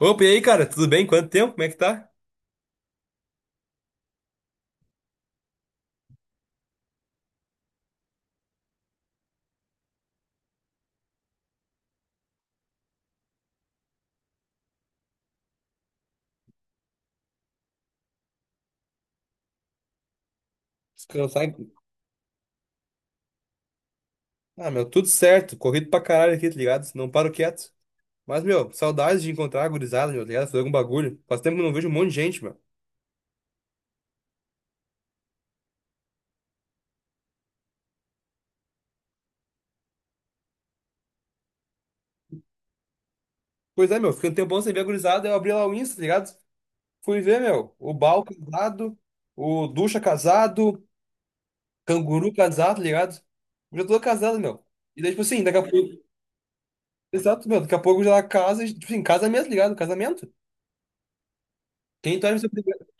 Opa, e aí, cara? Tudo bem? Quanto tempo? Como é que tá? Descansar. em- Ah, meu, tudo certo. Corrido pra caralho aqui, tá ligado? Não paro quieto. Mas, meu, saudades de encontrar a gurizada, meu, tá ligado? Fazer algum bagulho. Faz tempo que eu não vejo um monte de gente, meu. Pois é, meu, fiquei um tempão sem ver a gurizada, eu abri lá o Insta, tá ligado? Fui ver, meu. O Bal casado, o Ducha casado, Canguru casado, tá ligado? Já tô casado, meu. E daí, tipo assim, daqui a pouco. Exato, meu. Daqui a pouco já casa, tipo assim, casamento, tá ligado? Casamento. Quem tu acha que vai ser o primeiro?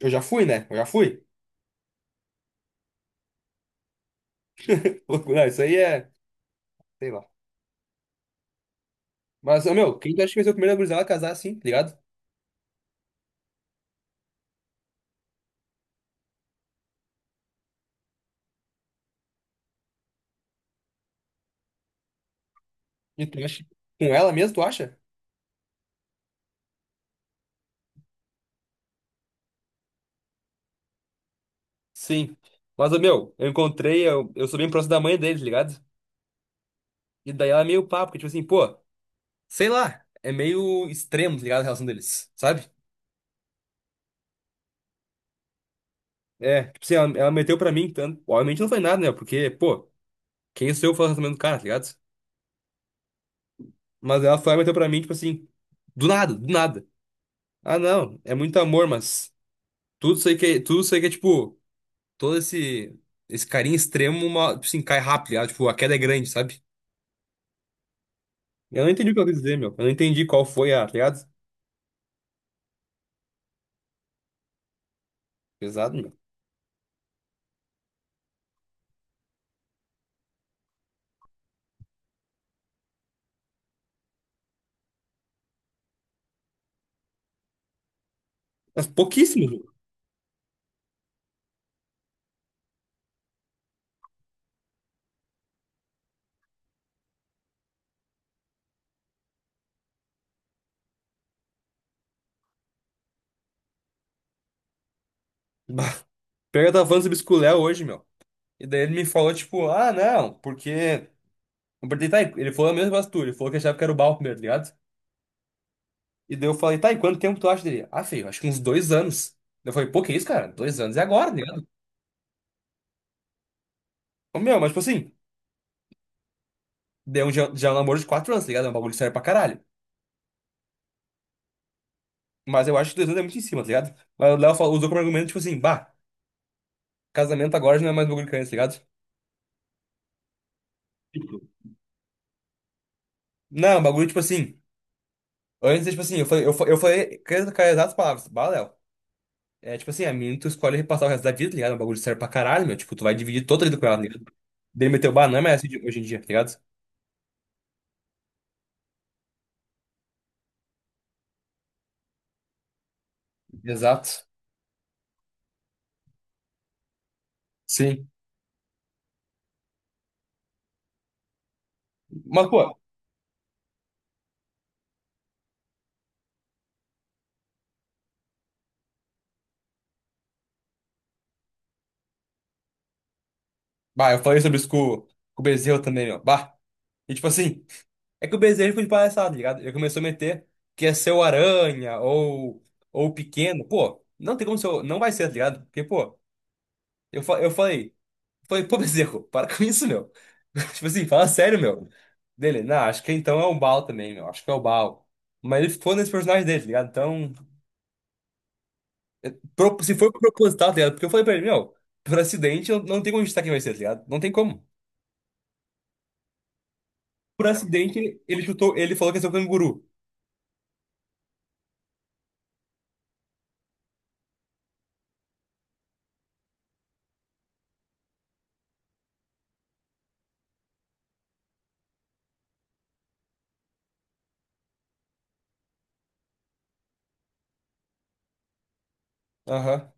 Eu já fui, né? Eu já fui. Não, isso aí é. Sei lá. Mas, ô, meu, quem tu acha que vai ser o primeiro gurizada a casar assim, tá ligado? E tu acha? Com ela mesmo, tu acha? Sim. Mas, ô, meu, eu sou bem próximo da mãe deles, ligado? E daí ela é meio papo, porque, tipo assim, pô. Sei lá, é meio extremo, tá ligado? A relação deles, sabe? É, tipo assim, ela meteu pra mim, tanto. Obviamente não foi nada, né? Porque, pô, quem sou eu falando também do cara, tá ligado? Mas ela foi e meteu pra mim, tipo assim, do nada, do nada. Ah, não, é muito amor, mas tudo isso aí que é, tipo, todo esse, esse carinho extremo, uma, tipo assim, cai rápido, tá ligado? Tipo, a queda é grande, sabe? Eu não entendi o que ela quis dizer, meu. Eu não entendi qual foi a, tá ligado? Pesado, meu. Mas pouquíssimo, meu. Bah, Pega, eu tava falando sobre esculé hoje, meu. E daí ele me falou, tipo, ah, não, porque. Eu perguntei, tá, ele falou a mesma coisa que tu, ele falou que achava que era o Bal primeiro, tá ligado? E daí eu falei, tá, e quanto tempo tu acha dele? Ah, feio, acho que uns dois anos. Daí eu falei, pô, que isso, cara? Dois anos é agora, tá ligado? Ô, meu, mas tipo assim, já é um namoro de quatro anos, tá ligado? É um bagulho sério pra caralho. Mas eu acho que dois anos é muito em cima, tá ligado? Mas o usou como argumento, tipo assim, bah, casamento agora já não é mais bagulho que antes, tá ligado? Não, é um bagulho, tipo assim, antes, é, tipo assim, eu falei, com as exatas palavras, bah, Léo, é tipo assim, a menina tu escolhe repassar o resto da vida, tá ligado? É um bagulho sério pra caralho, meu, tipo, tu vai dividir toda a vida com ela, tá ligado? Dele meteu, bah, não é mais assim de- hoje em dia, tá ligado? Exato. Sim. Mas, pô, bah, eu falei sobre isso com o Bezerro também, ó. Bah. E tipo assim, é que o Bezerro foi de palhaçada, tá ligado? Ele começou a meter que é seu ou Pequeno. Pô, não tem como ser. Não vai ser, tá ligado? Porque, pô, eu, fa- eu falei, falei, pô, Bezerro, para com isso, meu. Tipo assim, fala sério, meu. Dele, não, acho que então é o Baal também, meu. Acho que é o Baal. Mas ele ficou nesse personagem dele, tá ligado? Então, se for proposital, tá ligado? Porque eu falei pra ele, meu, por acidente, não tem como a gente tá quem vai ser, tá ligado? Não tem como. Por acidente, ele chutou, ele falou que ia ser um canguru. Aham,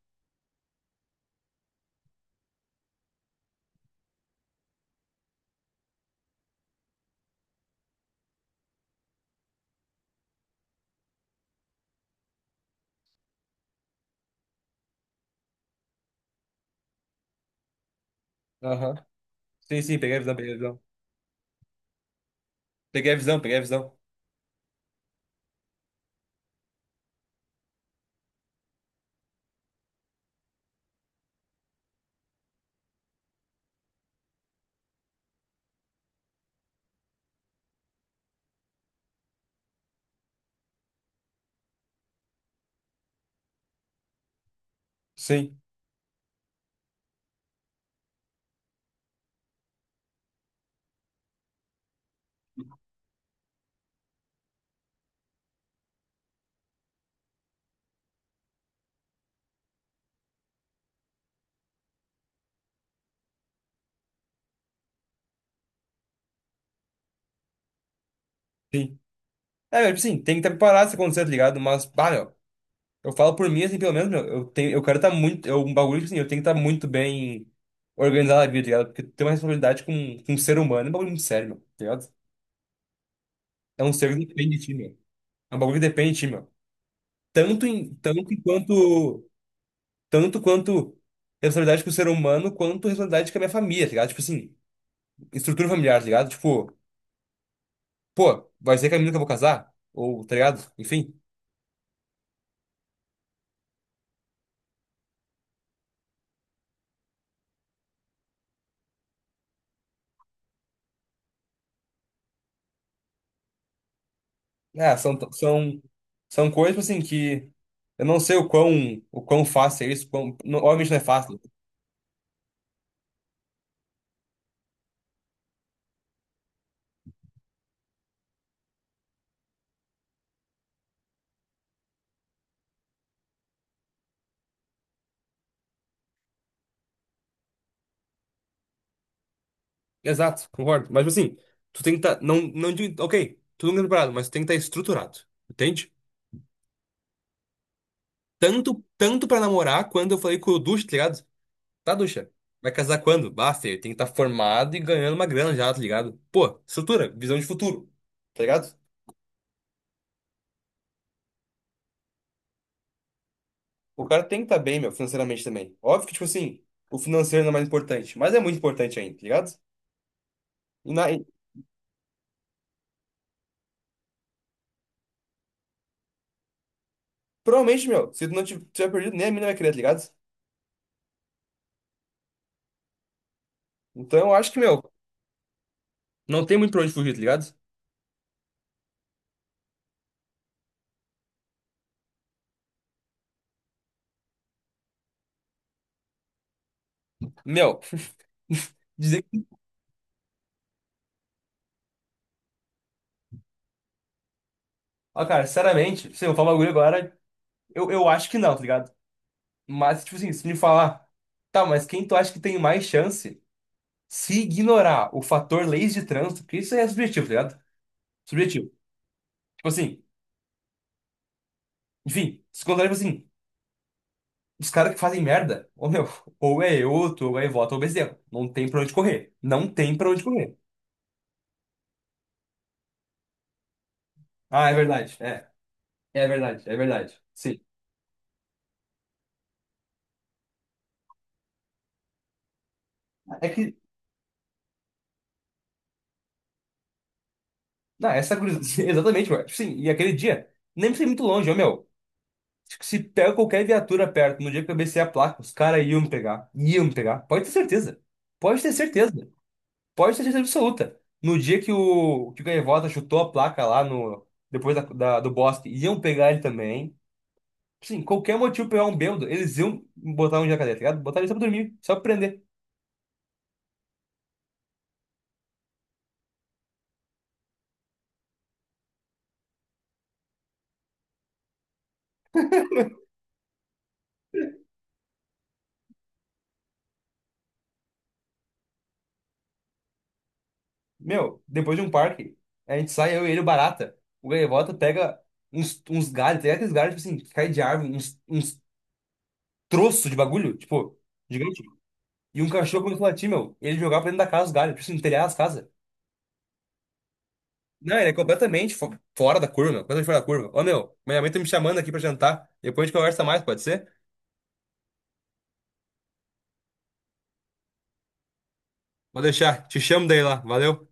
aham. Sim, sim, peguei a visão, peguei a visão. Peguei a visão, peguei a visão. Sim, sim. É, velho, sim, tem que estar preparado se acontecer, tá ligado? Mas, bah, meu, eu falo por mim, assim, pelo menos, meu, eu quero estar muito, eu, um bagulho, tipo assim, eu tenho que estar muito bem organizado na vida, tá ligado? Porque tu tem uma responsabilidade com um ser humano, é um bagulho muito sério, meu, tá ligado? É um ser que depende de ti, meu. É um bagulho que depende de ti, meu. Tanto em, tanto quanto, tanto quanto responsabilidade com o ser humano, quanto responsabilidade com a minha família, tá ligado? Tipo assim, estrutura familiar, tá ligado? Tipo, pô, vai ser que a menina que eu vou casar? Ou, tá ligado? Enfim. É, são, são, são coisas, tipo assim, que eu não sei o quão fácil é isso. Quão, não- obviamente não é fácil. Exato, concordo. Mas, tipo assim, tu tem que estar. Não digo. Ok, tu não é preparado, mas tu tem que estar estruturado. Entende? Tanto pra namorar, quando eu falei com o Ducha, tá ligado? Tá, Ducha? Vai casar quando? Basta, ele tem que estar formado e ganhando uma grana já, tá ligado? Pô, estrutura, visão de futuro, tá ligado? O cara tem que estar bem, meu, financeiramente também. Óbvio que, tipo assim, o financeiro não é mais importante, mas é muito importante ainda, tá ligado? E, na, e provavelmente, meu, se tu não tiver perdido, nem a mina vai querer, tá ligado? Então eu acho que, meu, não tem muito pra onde fugir, tá ligado? Meu, dizer que. Ó, cara, sinceramente, se eu falar um bagulho agora, eu acho que não, tá ligado? Mas, tipo assim, se me falar, tá, mas quem tu acha que tem mais chance se ignorar o fator leis de trânsito, porque isso é subjetivo, tá ligado? Subjetivo. Tipo assim, enfim, se contar, tipo assim. Os caras que fazem merda, ô meu, ou é eu, ou tu, ou é voto, ou Bezerra. Não tem pra onde correr. Não tem pra onde correr. Ah, é verdade. É. É verdade, é verdade. Sim. É que. Não, essa cruz. Exatamente, mano. Sim, e aquele dia, nem precisa ir muito longe, ô meu. Acho que se pega qualquer viatura perto, no dia que eu cabecei a placa, os caras iam me pegar. Iam me pegar. Pode ter certeza. Pode ter certeza. Pode ter certeza absoluta. No dia que o Gaivota chutou a placa lá no. Depois do bosque, iam pegar ele também. Sim, qualquer motivo pra pegar um bêbado, eles iam botar um jacaré, tá ligado? Botar ele só pra dormir, só pra prender. Meu, depois de um parque, a gente sai, eu e ele, o barata. O gaivota pega uns galhos, tem aqueles galhos, tipo assim, que cai de árvore, uns troços de bagulho, tipo, gigante. E um cachorro começou a latir, meu, ele jogava pra dentro da casa os galhos, tipo assim, no telhado das casas. Não, ele é completamente fora da curva, meu, completamente fora da curva. Ô, meu, minha mãe tá me chamando aqui pra jantar. Depois a gente conversa mais, pode ser? Vou deixar, te chamo daí lá, valeu.